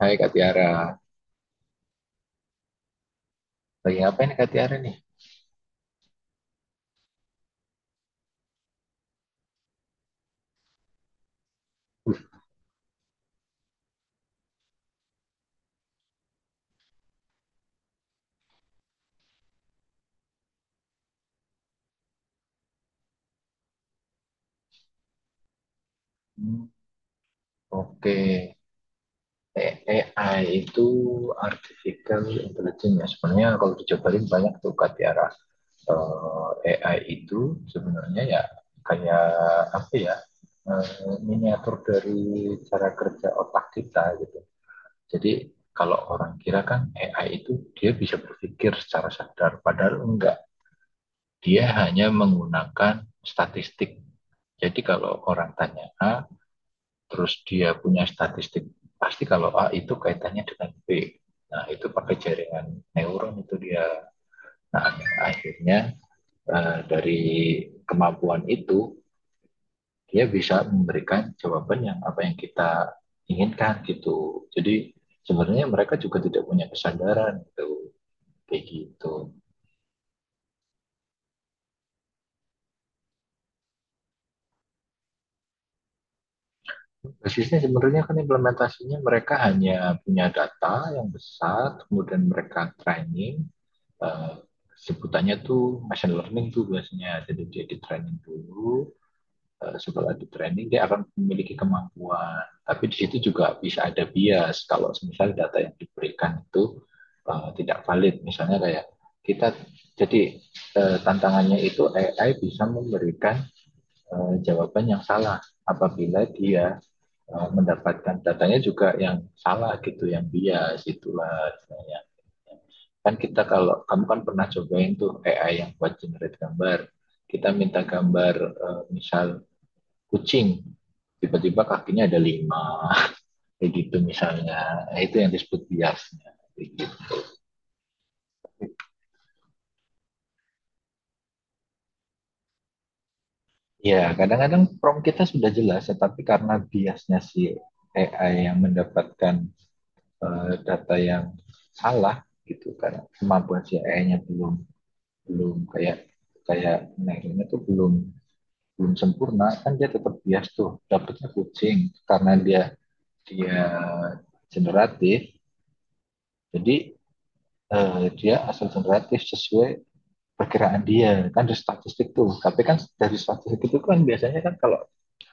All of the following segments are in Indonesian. Hai Kak Tiara, lagi ngapain Kak Tiara nih? Hmm, oke, AI itu Artificial Intelligence, ya. Sebenarnya kalau dicobain banyak tuh, Kak Tiara. AI itu sebenarnya ya, kayak apa ya, eh, miniatur dari cara kerja otak kita gitu. Jadi kalau orang kira kan AI itu dia bisa berpikir secara sadar, padahal enggak. Dia hanya menggunakan statistik. Jadi kalau orang tanya A, terus dia punya statistik, pasti kalau A itu kaitannya dengan B. Nah, itu pakai jaringan neuron itu dia. Nah, akhirnya, dari kemampuan itu dia bisa memberikan jawaban yang apa yang kita inginkan gitu. Jadi sebenarnya mereka juga tidak punya kesadaran gitu, kayak gitu. Basisnya sebenarnya kan implementasinya mereka hanya punya data yang besar, kemudian mereka training, uh, sebutannya tuh machine learning tuh biasanya, jadi dia di training dulu, setelah di training dia akan memiliki kemampuan, tapi di situ juga bisa ada bias kalau misalnya data yang diberikan itu tidak valid, misalnya kayak kita. Jadi, tantangannya itu AI bisa memberikan jawaban yang salah apabila dia mendapatkan datanya juga yang salah gitu, yang bias itulah misalnya. Kan kita, kalau kamu kan pernah cobain tuh AI yang buat generate gambar. Kita minta gambar, misal kucing, tiba-tiba kakinya ada lima, kayak gitu misalnya. Nah, itu yang disebut biasnya. Gitu. Ya, kadang-kadang prompt kita sudah jelas, tetapi karena biasnya si AI yang mendapatkan data yang salah gitu, karena kemampuan si AI-nya belum belum kayak kayak nah, tuh belum belum sempurna kan, dia tetap bias tuh dapatnya kucing, karena dia dia generatif. Jadi, dia asal generatif sesuai perkiraan dia, kan dari statistik tuh, tapi kan dari statistik itu kan biasanya kan, kalau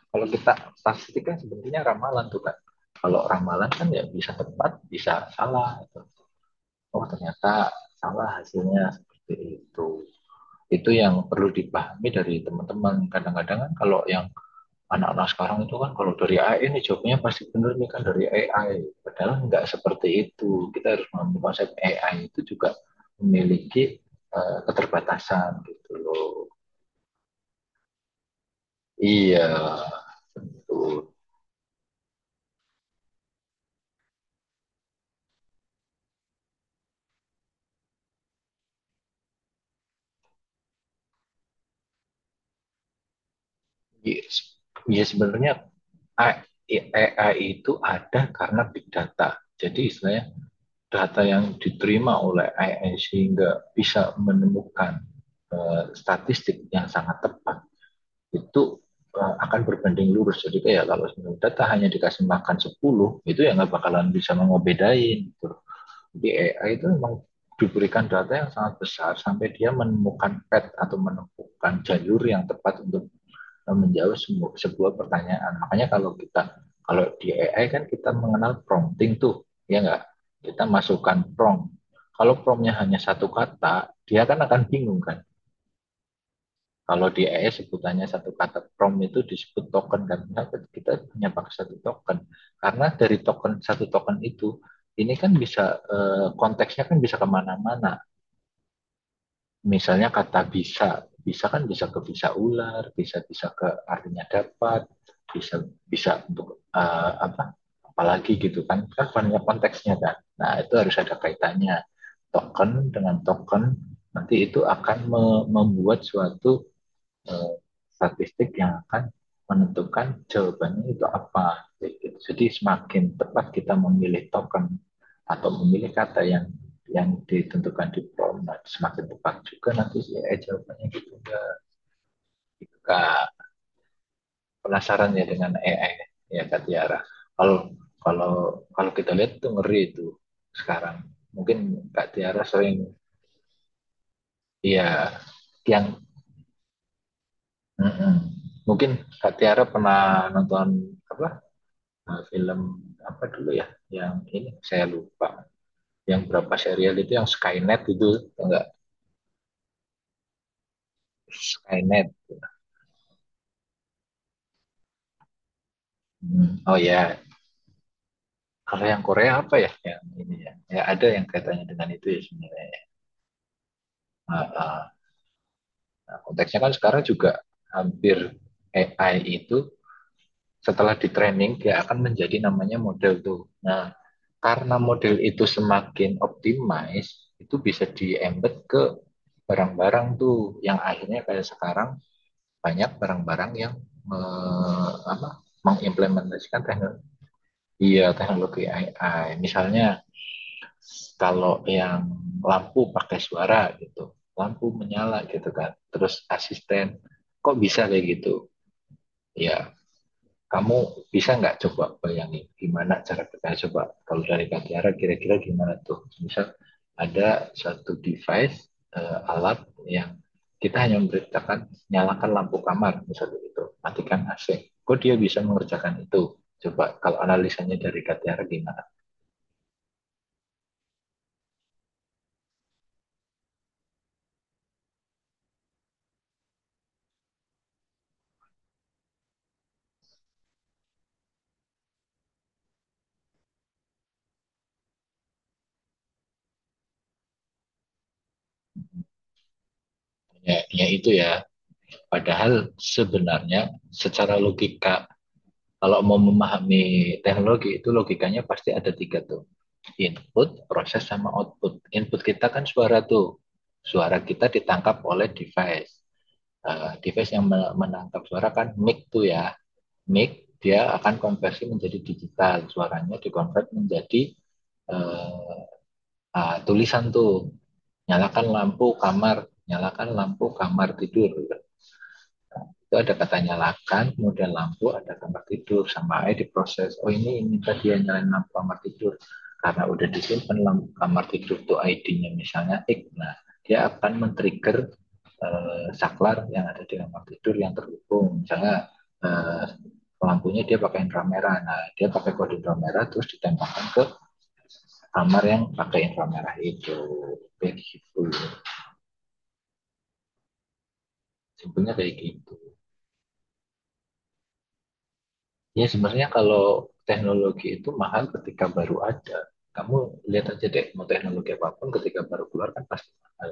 kalau kita statistik kan sebenarnya ramalan tuh kan. Kalau ramalan kan ya bisa tepat bisa salah gitu. Oh, ternyata salah hasilnya seperti itu. Itu yang perlu dipahami dari teman-teman. Kadang-kadang kan kalau yang anak-anak sekarang itu kan, kalau dari AI ini jawabnya pasti benar nih kan, dari AI. Padahal nggak seperti itu. Kita harus memahami konsep AI itu juga memiliki keterbatasan gitu loh. Iya, betul. Iya, iya, sebenarnya AI itu ada karena big data. Jadi istilahnya data yang diterima oleh AI sehingga bisa menemukan statistik yang sangat tepat itu akan berbanding lurus. Jadi kayak kalau data hanya dikasih makan 10 itu, ya nggak bakalan bisa mengobedain. Gitu. Jadi AI itu memang diberikan data yang sangat besar sampai dia menemukan pet atau menemukan jalur yang tepat untuk menjawab sebuah pertanyaan. Makanya kalau di AI kan kita mengenal prompting tuh, ya nggak? Kita masukkan prompt. Kalau promptnya hanya satu kata, dia kan akan bingung kan. Kalau di ES sebutannya satu kata prom itu disebut token. Dan kenapa kita punya pakai satu token? Karena dari token, satu token itu ini kan bisa, konteksnya kan bisa kemana-mana. Misalnya kata bisa, bisa kan bisa ke bisa ular, bisa bisa ke artinya dapat, bisa bisa untuk, apa? Apalagi gitu kan, kan banyak konteksnya kan. Nah, itu harus ada kaitannya token dengan token, nanti itu akan membuat suatu, eh, statistik yang akan menentukan jawabannya itu apa. Jadi semakin tepat kita memilih token atau memilih kata yang ditentukan di prompt, nah, semakin tepat juga nanti si AI jawabannya gitu ya. Kak, penasaran ya dengan AI, ya Kak Tiara. Kalau kalau kalau kita lihat itu ngeri itu sekarang. Mungkin Kak Tiara sering, ya, yang mm-mm. Mungkin Kak Tiara pernah nonton apa, film apa dulu ya, yang ini saya lupa, yang berapa serial itu yang Skynet itu, enggak, Skynet. Hmm. Oh ya, kalau yang Korea apa ya yang ini ya, ya, ada yang kaitannya dengan itu ya, sebenarnya ya. Nah, nah, konteksnya kan sekarang juga hampir AI itu setelah di training dia akan menjadi namanya model tuh. Nah, karena model itu semakin optimize itu bisa di embed ke barang-barang tuh, yang akhirnya kayak sekarang banyak barang-barang yang me, apa, mengimplementasikan teknologi, iya, teknologi AI. Misalnya kalau yang lampu pakai suara gitu, lampu menyala gitu kan, terus asisten kok bisa kayak gitu? Ya, kamu bisa nggak coba bayangin gimana cara kita coba, kalau dari Kak Tiara kira-kira gimana tuh. Misal ada satu device, alat yang kita hanya memberitakan nyalakan lampu kamar misalnya, itu matikan AC, kok dia bisa mengerjakan itu? Coba kalau analisanya dari Kak Tiara gimana. Ya, ya itu ya, padahal sebenarnya secara logika, kalau mau memahami teknologi itu logikanya pasti ada tiga tuh. Input, proses, sama output. Input kita kan suara tuh. Suara kita ditangkap oleh device. Device yang menangkap suara kan mic tuh ya. Mic dia akan konversi menjadi digital. Suaranya dikonvert menjadi, eh, tulisan tuh. Nyalakan lampu kamar, nyalakan lampu kamar tidur. Itu ada katanya lakan, kemudian lampu, ada kamar tidur, sama aja diproses. Oh, ini tadi yang nyalain lampu kamar tidur, karena udah disimpan lampu kamar tidur tuh ID-nya misalnya X. Nah, dia akan men-trigger, saklar yang ada di kamar tidur yang terhubung. Misalnya, eh, lampunya dia pakai inframerah. Nah, dia pakai kode inframerah terus ditembakkan ke kamar yang pakai inframerah itu. Kayak gitu. Simpelnya kayak gitu. Ya, sebenarnya kalau teknologi itu mahal ketika baru ada. Kamu lihat aja deh, mau teknologi apapun ketika baru keluar kan pasti mahal.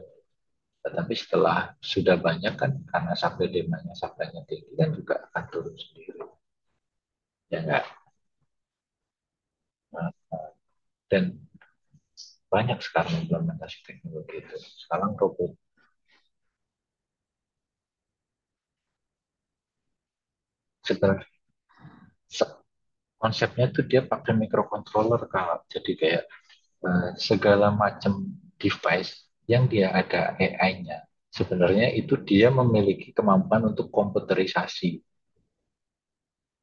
Tetapi setelah sudah banyak kan, karena supply demand-nya, supply-nya tinggi kan juga akan turun sendiri. Ya, enggak? Nah, dan banyak sekarang implementasi teknologi itu. Sekarang robot, sebenarnya se- konsepnya tuh dia pakai microcontroller. Kalau jadi kayak, segala macam device yang dia ada AI-nya, sebenarnya itu dia memiliki kemampuan untuk komputerisasi.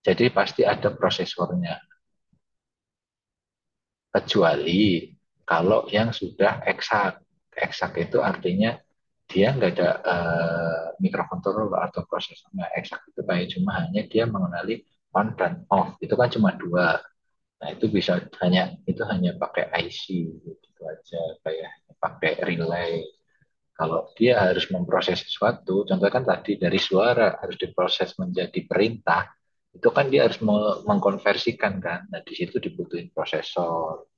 Jadi pasti ada prosesornya, kecuali kalau yang sudah eksak. Eksak itu artinya dia nggak ada microcontroller atau prosesornya. Eksak itu kayak cuma, hanya dia mengenali on dan off. Itu kan cuma dua. Nah, itu bisa hanya, itu hanya pakai IC gitu aja, kayak pakai relay. Kalau dia harus memproses sesuatu, contohnya kan tadi dari suara harus diproses menjadi perintah, itu kan dia harus mengkonversikan kan. Nah, di situ dibutuhin prosesor.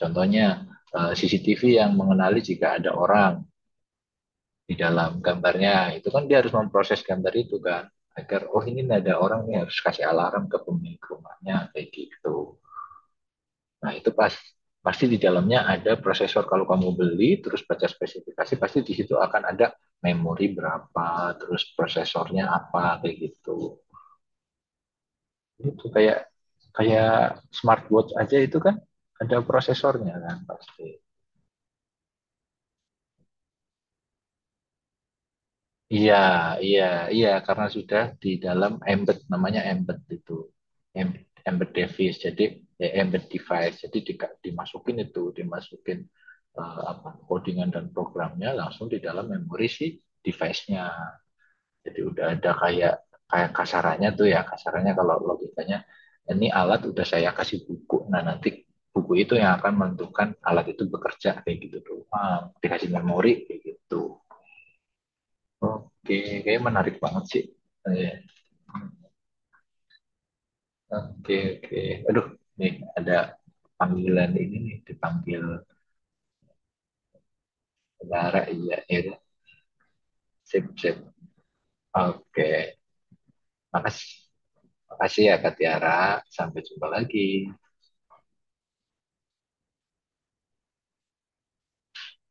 Contohnya, CCTV yang mengenali jika ada orang di dalam gambarnya. Itu kan dia harus memproses gambar itu kan, agar, oh, ini ada orang nih, harus kasih alarm ke pemilik rumahnya, kayak gitu. Nah, itu pasti di dalamnya ada prosesor. Kalau kamu beli terus baca spesifikasi, pasti di situ akan ada memori berapa, terus prosesornya apa, kayak gitu. Itu kayak kayak smartwatch aja itu kan ada prosesornya kan pasti. Iya, iya, iya, karena sudah di dalam embed, namanya embed itu, Em- embed device, jadi ya, embed device, jadi dimasukin itu, dimasukin, eh, apa codingan dan programnya langsung di dalam memori si device-nya. Jadi udah ada kayak kayak kasarannya tuh ya, kasarannya kalau logikanya ini alat udah saya kasih buku, nah nanti buku itu yang akan menentukan alat itu bekerja, kayak gitu doang, dikasih memori kayak gitu. Oke, kayaknya menarik banget sih. Iya. Oke, oke. Aduh, nih ada panggilan ini nih, dipanggil Tiara. Iya, iya. Sip, sip. Oke. Makasih. Makasih ya, Kak Tiara. Sampai jumpa lagi.